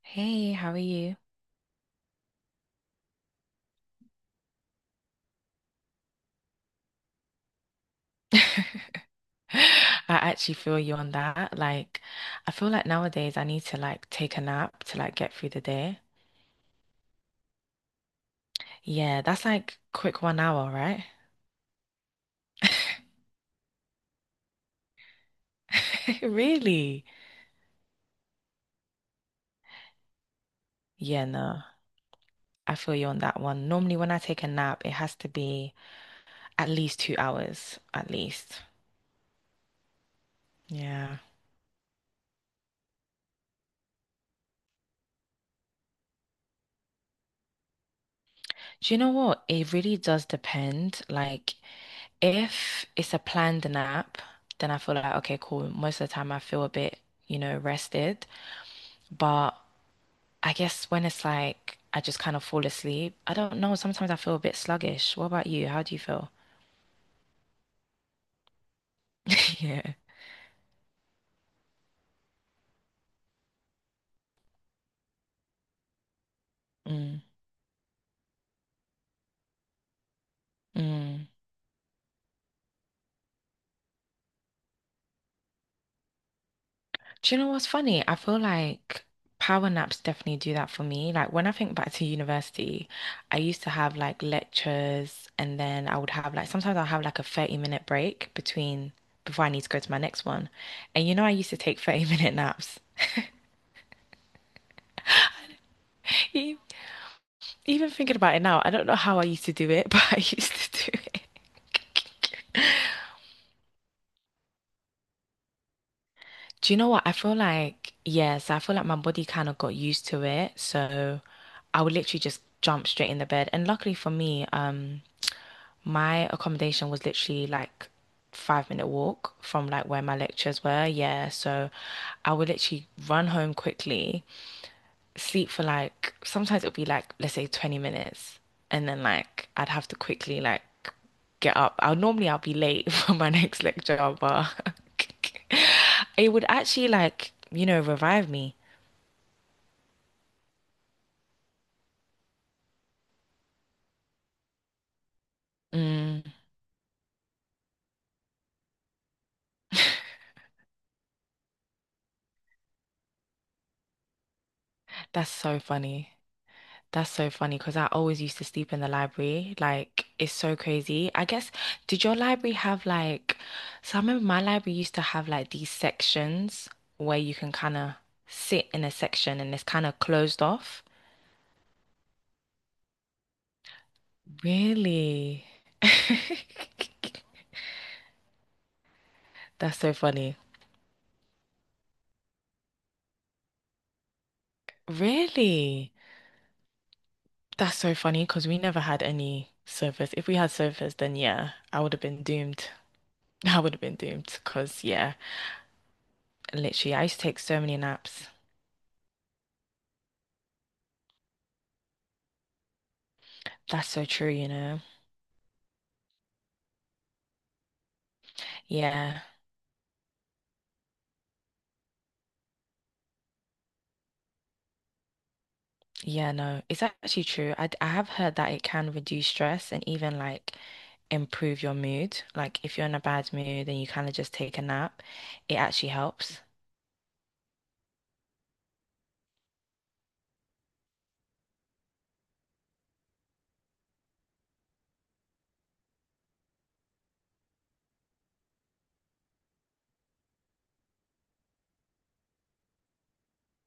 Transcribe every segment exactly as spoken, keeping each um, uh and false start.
Hey, how are you? I actually feel you on that. Like, I feel like nowadays I need to like take a nap to like get through the day. Yeah, that's like quick one hour, right? Really? Yeah, no. I feel you on that one. Normally when I take a nap, it has to be at least two hours, at least. Yeah. Do you know what? It really does depend. Like, if it's a planned nap, then I feel like, okay, cool. Most of the time I feel a bit, you know, rested. But I guess when it's like I just kind of fall asleep, I don't know. Sometimes I feel a bit sluggish. What about you? How do you feel? Yeah. Mm. Mm. Do you know what's funny? I feel like power naps definitely do that for me. Like when I think back to university, I used to have like lectures and then I would have like sometimes I'll have like a thirty minute break between before I need to go to my next one. And you know I used to take thirty minute naps. E- Even thinking about it now, I don't know how I used to do it, but I used to do it. Do you know what? I feel like, yes, I feel like my body kind of got used to it. So I would literally just jump straight in the bed. And luckily for me, um, my accommodation was literally like five minute walk from like where my lectures were. Yeah. So I would literally run home quickly sleep for like sometimes it'll be like let's say twenty minutes and then like I'd have to quickly like get up. I'll normally I'll be late for my next lecture, but it would actually like, you know, revive me. Mm, that's so funny. That's so funny because I always used to sleep in the library. Like, it's so crazy. I guess, did your library have like, so I remember my library used to have like these sections where you can kind of sit in a section and it's kind of closed off. Really? That's so funny. Really? That's so funny because we never had any surfers. If we had surfers, then yeah, I would have been doomed. I would have been doomed because, yeah, literally, I used to take so many naps. That's so true, you know? Yeah. Yeah, no, it's actually true. I, d- I have heard that it can reduce stress and even like improve your mood. Like if you're in a bad mood and you kind of just take a nap, it actually helps.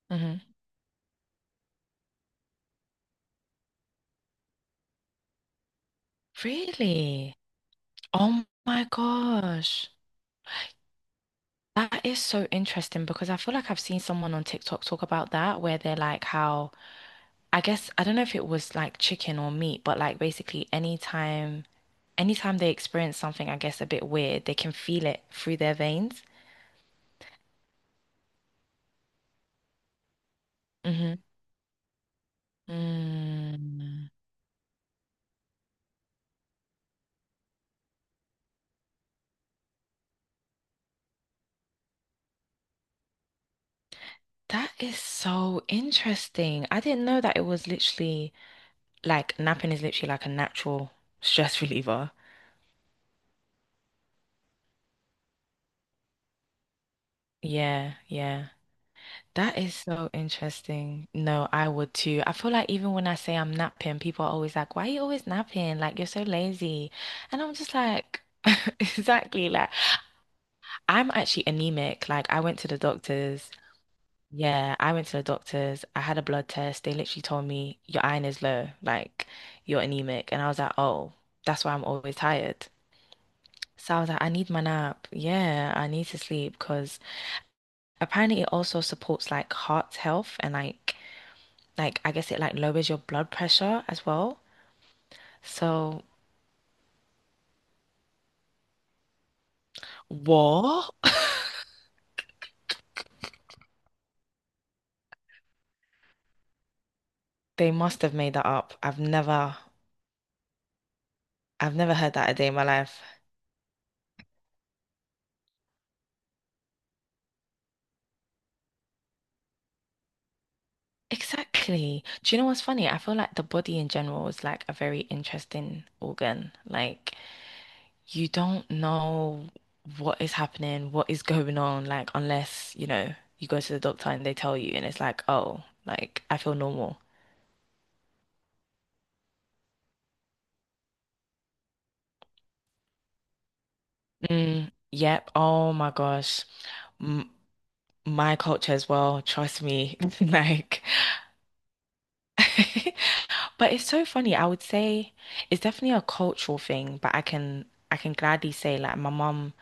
Hmm. Really? Oh my gosh. That is so interesting because I feel like I've seen someone on TikTok talk about that where they're like how I guess I don't know if it was like chicken or meat, but like basically any time anytime they experience something, I guess, a bit weird, they can feel it through their veins. Hmm. Mm, that is so interesting. I didn't know that it was literally like napping is literally like a natural stress reliever. Yeah, yeah. That is so interesting. No, I would too. I feel like even when I say I'm napping, people are always like, "Why are you always napping? Like, you're so lazy." And I'm just like, exactly. Like, I'm actually anemic. Like, I went to the doctors. Yeah, I went to the doctors. I had a blood test. They literally told me your iron is low, like you're anemic. And I was like, oh, that's why I'm always tired. So I was like, I need my nap. Yeah, I need to sleep because apparently it also supports like heart health and like like I guess it like lowers your blood pressure as well. So what? They must have made that up. I've never I've never heard that a day in my life. Exactly. Do you know what's funny? I feel like the body in general is like a very interesting organ. Like you don't know what is happening, what is going on, like unless, you know, you go to the doctor and they tell you and it's like, oh, like I feel normal. Mm, yep. Oh my gosh. M My culture as well. Trust me. Like but it's so funny. I would say it's definitely a cultural thing, but I can I can gladly say like my mum,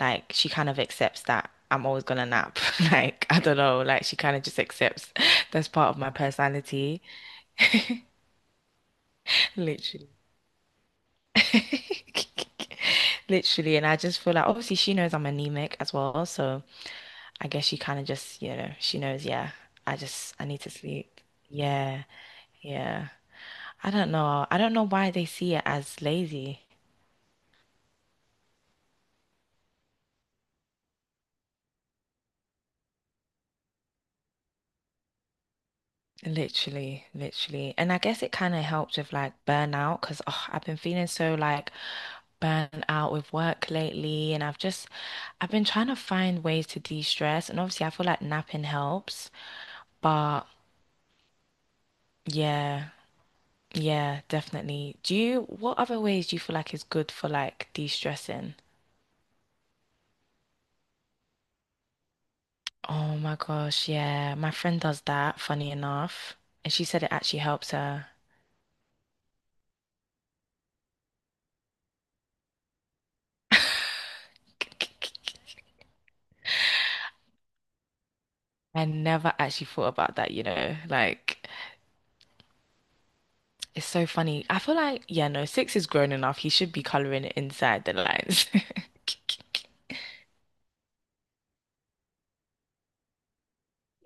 like she kind of accepts that I'm always gonna nap. Like I don't know, like she kind of just accepts that's part of my personality, literally. Literally, and I just feel like obviously she knows I'm anemic as well, so I guess she kind of just, you know, she knows, yeah, I just I need to sleep. Yeah, yeah. I don't know. I don't know why they see it as lazy. Literally, literally. And I guess it kind of helped with like burnout because oh, I've been feeling so like burnt out with work lately. And I've just, I've been trying to find ways to de-stress. And obviously, I feel like napping helps. But yeah, yeah, definitely. Do you, what other ways do you feel like is good for like de-stressing? Oh my gosh, yeah. My friend does that, funny enough. And she said it actually helps her. I never actually thought about that, you know, like. It's so funny. I feel like, yeah, no, six is grown enough. He should be coloring it inside the lines.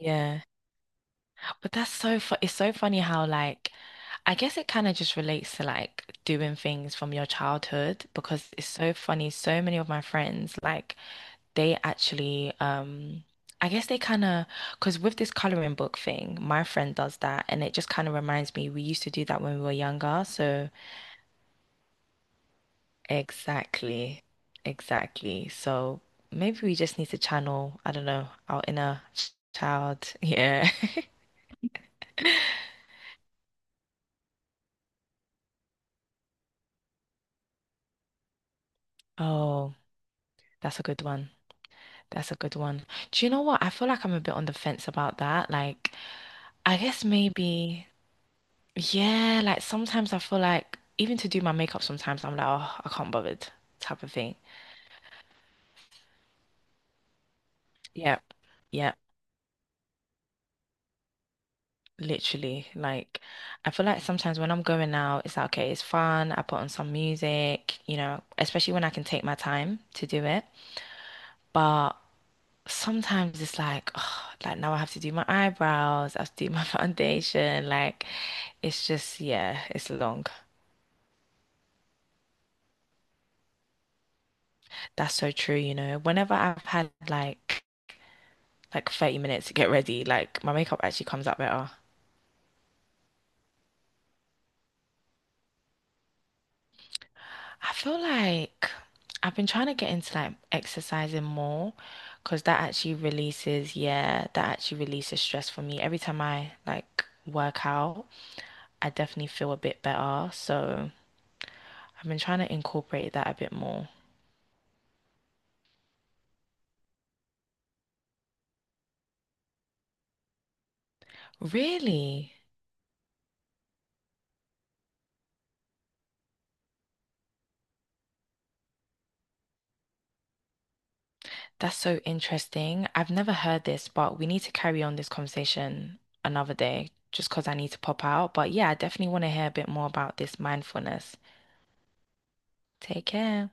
Yeah. But that's so fu It's so funny how like I guess it kind of just relates to like doing things from your childhood because it's so funny. So many of my friends like they actually um I guess they kind of because with this coloring book thing, my friend does that and it just kind of reminds me we used to do that when we were younger. So exactly. Exactly. So maybe we just need to channel, I don't know, our inner ch- child. Yeah. Oh, that's a good one. That's a good one. Do you know what? I feel like I'm a bit on the fence about that. Like, I guess maybe, yeah, like sometimes I feel like even to do my makeup, sometimes I'm like, oh, I can't bother, type of thing. Yeah. Yeah. Literally, like I feel like sometimes when I'm going out, it's like, okay, it's fun. I put on some music, you know, especially when I can take my time to do it. But sometimes it's like, oh, like now I have to do my eyebrows, I have to do my foundation. Like it's just, yeah, it's long. That's so true, you know. Whenever I've had like like thirty minutes to get ready, like my makeup actually comes out better. I feel like I've been trying to get into like exercising more because that actually releases, yeah, that actually releases stress for me. Every time I like work out, I definitely feel a bit better. So I've been trying to incorporate that a bit more. Really? That's so interesting. I've never heard this, but we need to carry on this conversation another day just because I need to pop out. But yeah, I definitely want to hear a bit more about this mindfulness. Take care.